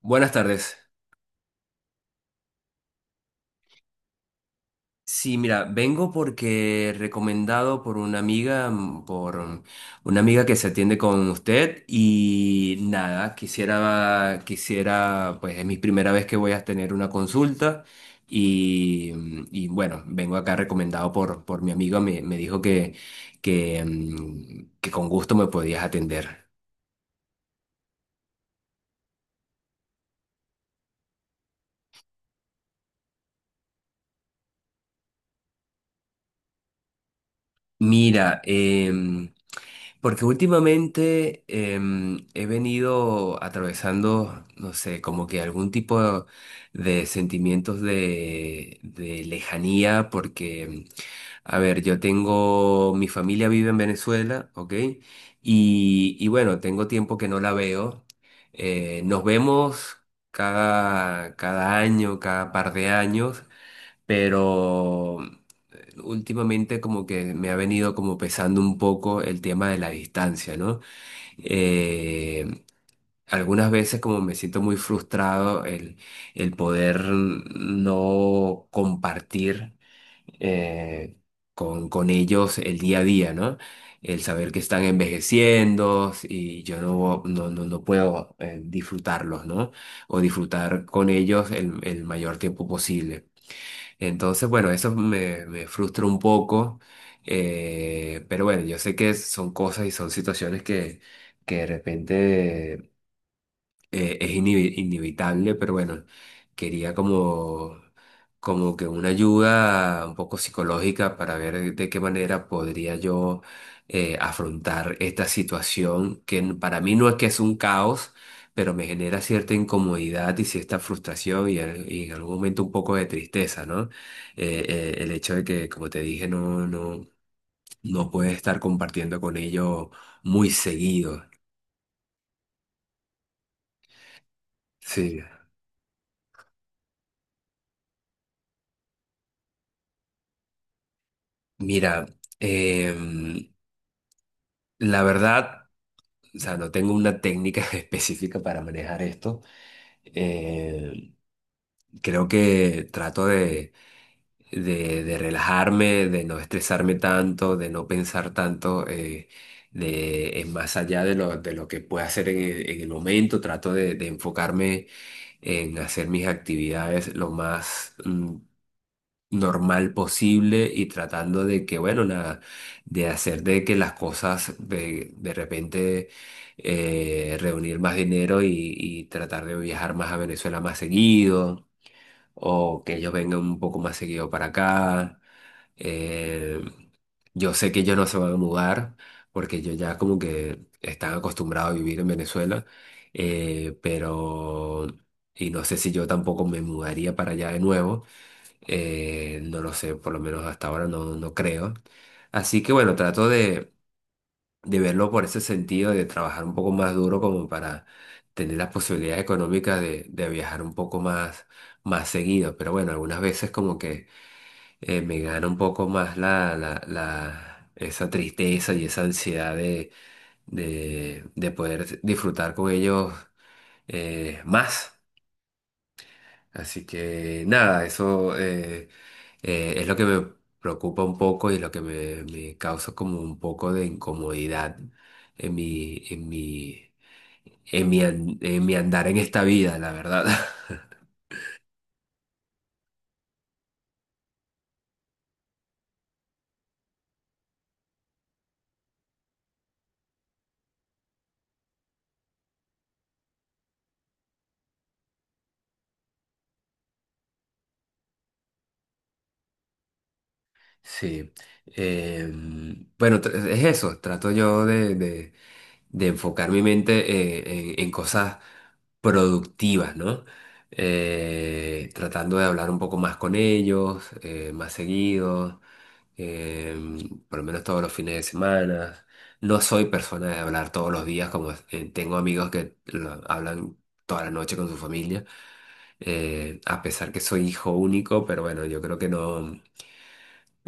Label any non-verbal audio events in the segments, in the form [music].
Buenas tardes. Sí, mira, vengo porque recomendado por una amiga, una amiga que se atiende con usted y nada, quisiera, pues es mi primera vez que voy a tener una consulta y bueno, vengo acá recomendado por mi amiga, me dijo que con gusto me podías atender. Mira, porque últimamente he venido atravesando, no sé, como que algún tipo de sentimientos de lejanía, porque, a ver, yo tengo, mi familia vive en Venezuela, ¿ok? Y y bueno, tengo tiempo que no la veo. Nos vemos cada año, cada par de años, pero. Últimamente como que me ha venido como pesando un poco el tema de la distancia, ¿no? Eh, algunas veces como me siento muy frustrado el poder no compartir eh, con ellos el día a día, ¿no? El saber que están envejeciendo y yo no, no, no, no puedo disfrutarlos, ¿no? O disfrutar con ellos el mayor tiempo posible. Entonces, bueno, me frustra un poco, pero bueno, yo sé que son cosas y son situaciones que de repente es inevitable, pero bueno, quería como, como que una ayuda un poco psicológica para ver de qué manera podría yo afrontar esta situación para mí no es que es un caos, pero me genera cierta incomodidad y cierta frustración y en algún momento un poco de tristeza, ¿no? El hecho de que, como te dije, no, no, no puedes estar compartiendo con ellos muy seguido. Sí. Mira, em, la verdad, o sea, no tengo una técnica [laughs] específica para manejar esto. Eh, creo que trato de relajarme, de no estresarme tanto, de no pensar tanto en más allá de lo que pueda hacer en el momento. Trato de enfocarme en hacer mis actividades lo más normal posible y tratando de que, bueno, de hacer de que las cosas de repente reunir más dinero y tratar de viajar más a Venezuela más seguido o que ellos vengan un poco más seguido para acá. Eh, yo sé que ellos no se van a mudar porque ellos ya como que están acostumbrados a vivir en Venezuela, pero. Y no sé si yo tampoco me mudaría para allá de nuevo, no lo sé, por lo menos hasta ahora no, no creo. Así que bueno, trato de verlo por ese sentido, de trabajar un poco más duro como para tener las posibilidades económicas de viajar un poco más, más seguido. Pero bueno, algunas veces como que me gana un poco más esa tristeza y esa ansiedad de poder disfrutar con ellos más. Así que nada, eso. Es lo que me preocupa un poco y lo que me causa como un poco de incomodidad en mi, en mi, en mi andar en esta vida, la verdad. [laughs] Sí. Bueno, es eso. Trato yo de enfocar mi mente en cosas productivas, ¿no? Tratando de hablar un poco más con ellos, más seguido. eh, por lo menos todos los fines de semana. No soy persona de hablar todos los días, como tengo amigos hablan toda la noche con su familia, a pesar que soy hijo único, pero bueno, yo creo que no,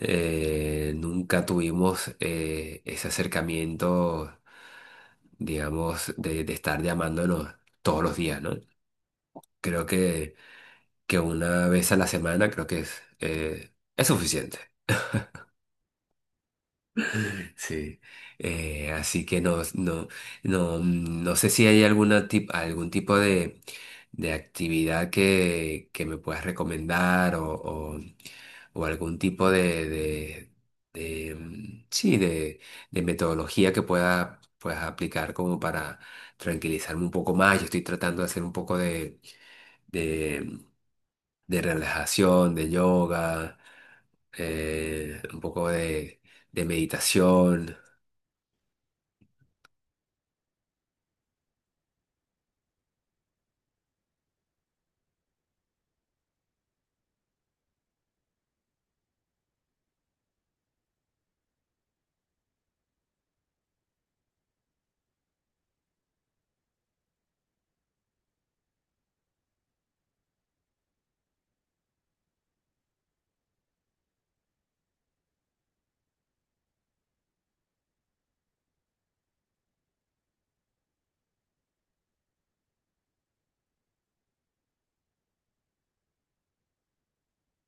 nunca tuvimos ese acercamiento, digamos, de estar llamándonos todos los días, ¿no? Creo que una vez a la semana creo que es suficiente. Sí, así que no, no, no, no sé si hay algún tipo de actividad que me puedas recomendar o algún tipo de, mm, sí, de, de metodología que pueda, puedas aplicar como para tranquilizarme un poco más. Yo estoy tratando de hacer un poco de, de relajación, de yoga, un poco de meditación.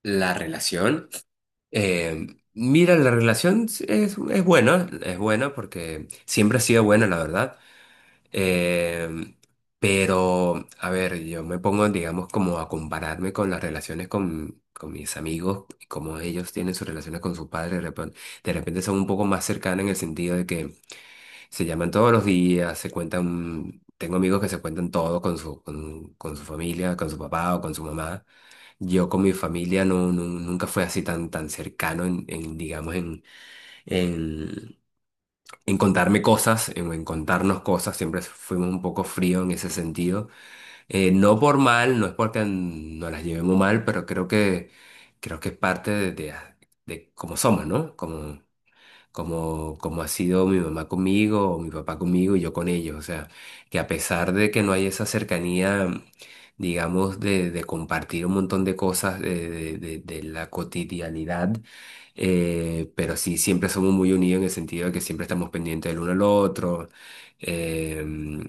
La relación. eh, Mira, la relación sí es buena porque siempre ha sido buena, la verdad. Eh, pero, a ver, yo me pongo, digamos, como a compararme con las relaciones con mis amigos, como ellos tienen sus relaciones con sus padres, de repente son un poco más cercanas en el sentido de que se llaman todos los días, se cuentan, tengo amigos que se cuentan todo con con su familia, con su papá o con su mamá. Yo con mi familia no, nunca fue así tan, tan cercano digamos, en, en contarme cosas, en contarnos cosas. Siempre fuimos un poco frío en ese sentido. No por mal, no es porque nos las llevemos mal, pero creo creo que es parte de cómo somos, ¿no? Como ha sido mi mamá conmigo o mi papá conmigo y yo con ellos. O sea, que a pesar de que no hay esa cercanía, digamos, de compartir un montón de cosas de la cotidianidad, pero sí siempre somos muy unidos en el sentido de que siempre estamos pendientes del uno al otro. Em,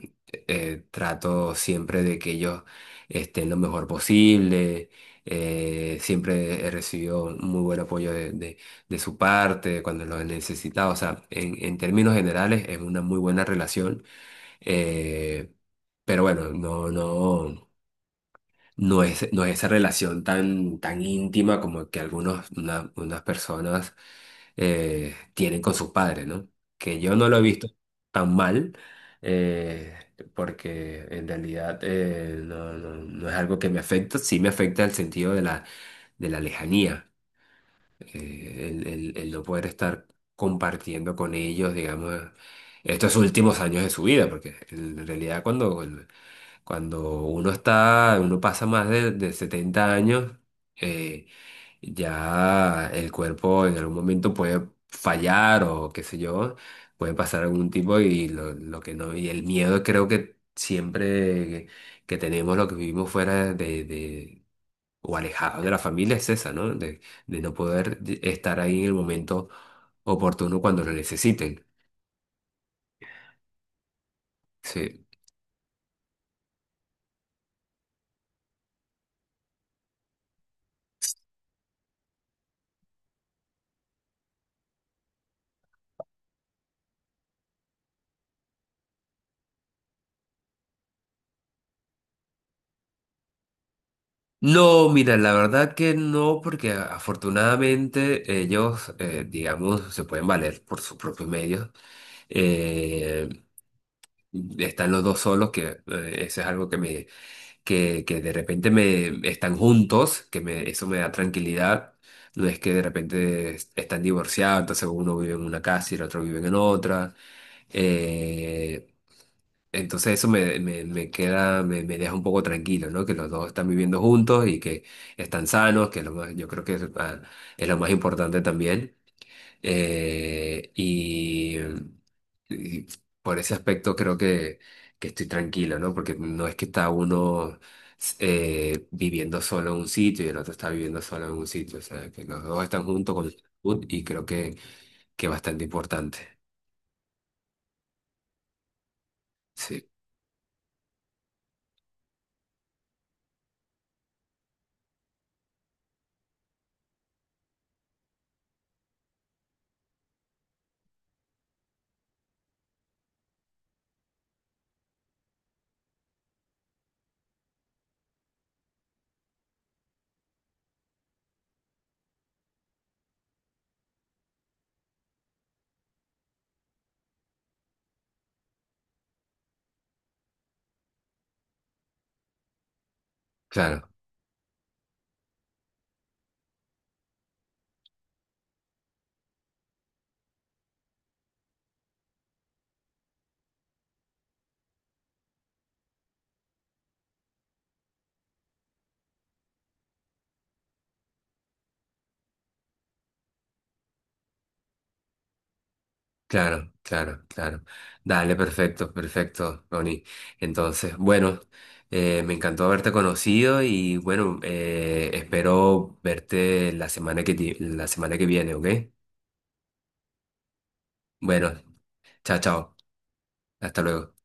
trato siempre de que ellos estén lo mejor posible. Siempre he recibido muy buen apoyo de su parte, cuando lo necesitaba. O sea, en términos generales es una muy buena relación, eh, pero bueno, no, no, no es, no es esa relación tan, tan íntima como que algunos, unas personas tienen con sus padres, ¿no? Que yo no lo he visto tan mal. eh, Porque en realidad no, no, no es algo que me afecta, sí me afecta el sentido de la lejanía, el no poder estar compartiendo con ellos, digamos, estos últimos años de su vida, porque en realidad cuando uno está, uno pasa más de 70 años, eh, ya el cuerpo en algún momento puede fallar o qué sé yo, puede pasar algún tipo y lo que no, y el miedo creo que siempre que tenemos lo que vivimos fuera o alejado de la familia es esa, ¿no? De no poder estar ahí en el momento oportuno cuando lo necesiten. Sí. No, mira, la verdad que no, porque afortunadamente ellos, digamos, se pueden valer por sus propios medios. Eh, están los dos solos, que eso es algo que me que de repente me están juntos, eso me da tranquilidad. No es que de repente están divorciados, entonces uno vive en una casa y el otro vive en otra. Eh, entonces me queda, me deja un poco tranquilo, ¿no? Que los dos están viviendo juntos y que están sanos, que es lo más, yo creo que es, es lo más importante también. Eh, y, y por ese aspecto creo que estoy tranquilo, ¿no? Porque no es que está uno viviendo solo en un sitio y el otro está viviendo solo en un sitio. O sea, que los dos están juntos con y creo que es bastante importante. Sí, claro. Claro, claro, claro. Dale, perfecto, perfecto, Ronnie. Entonces, bueno, me encantó haberte conocido y bueno, espero verte la semana la semana que viene, ¿ok? Bueno, chao, chao. Hasta luego.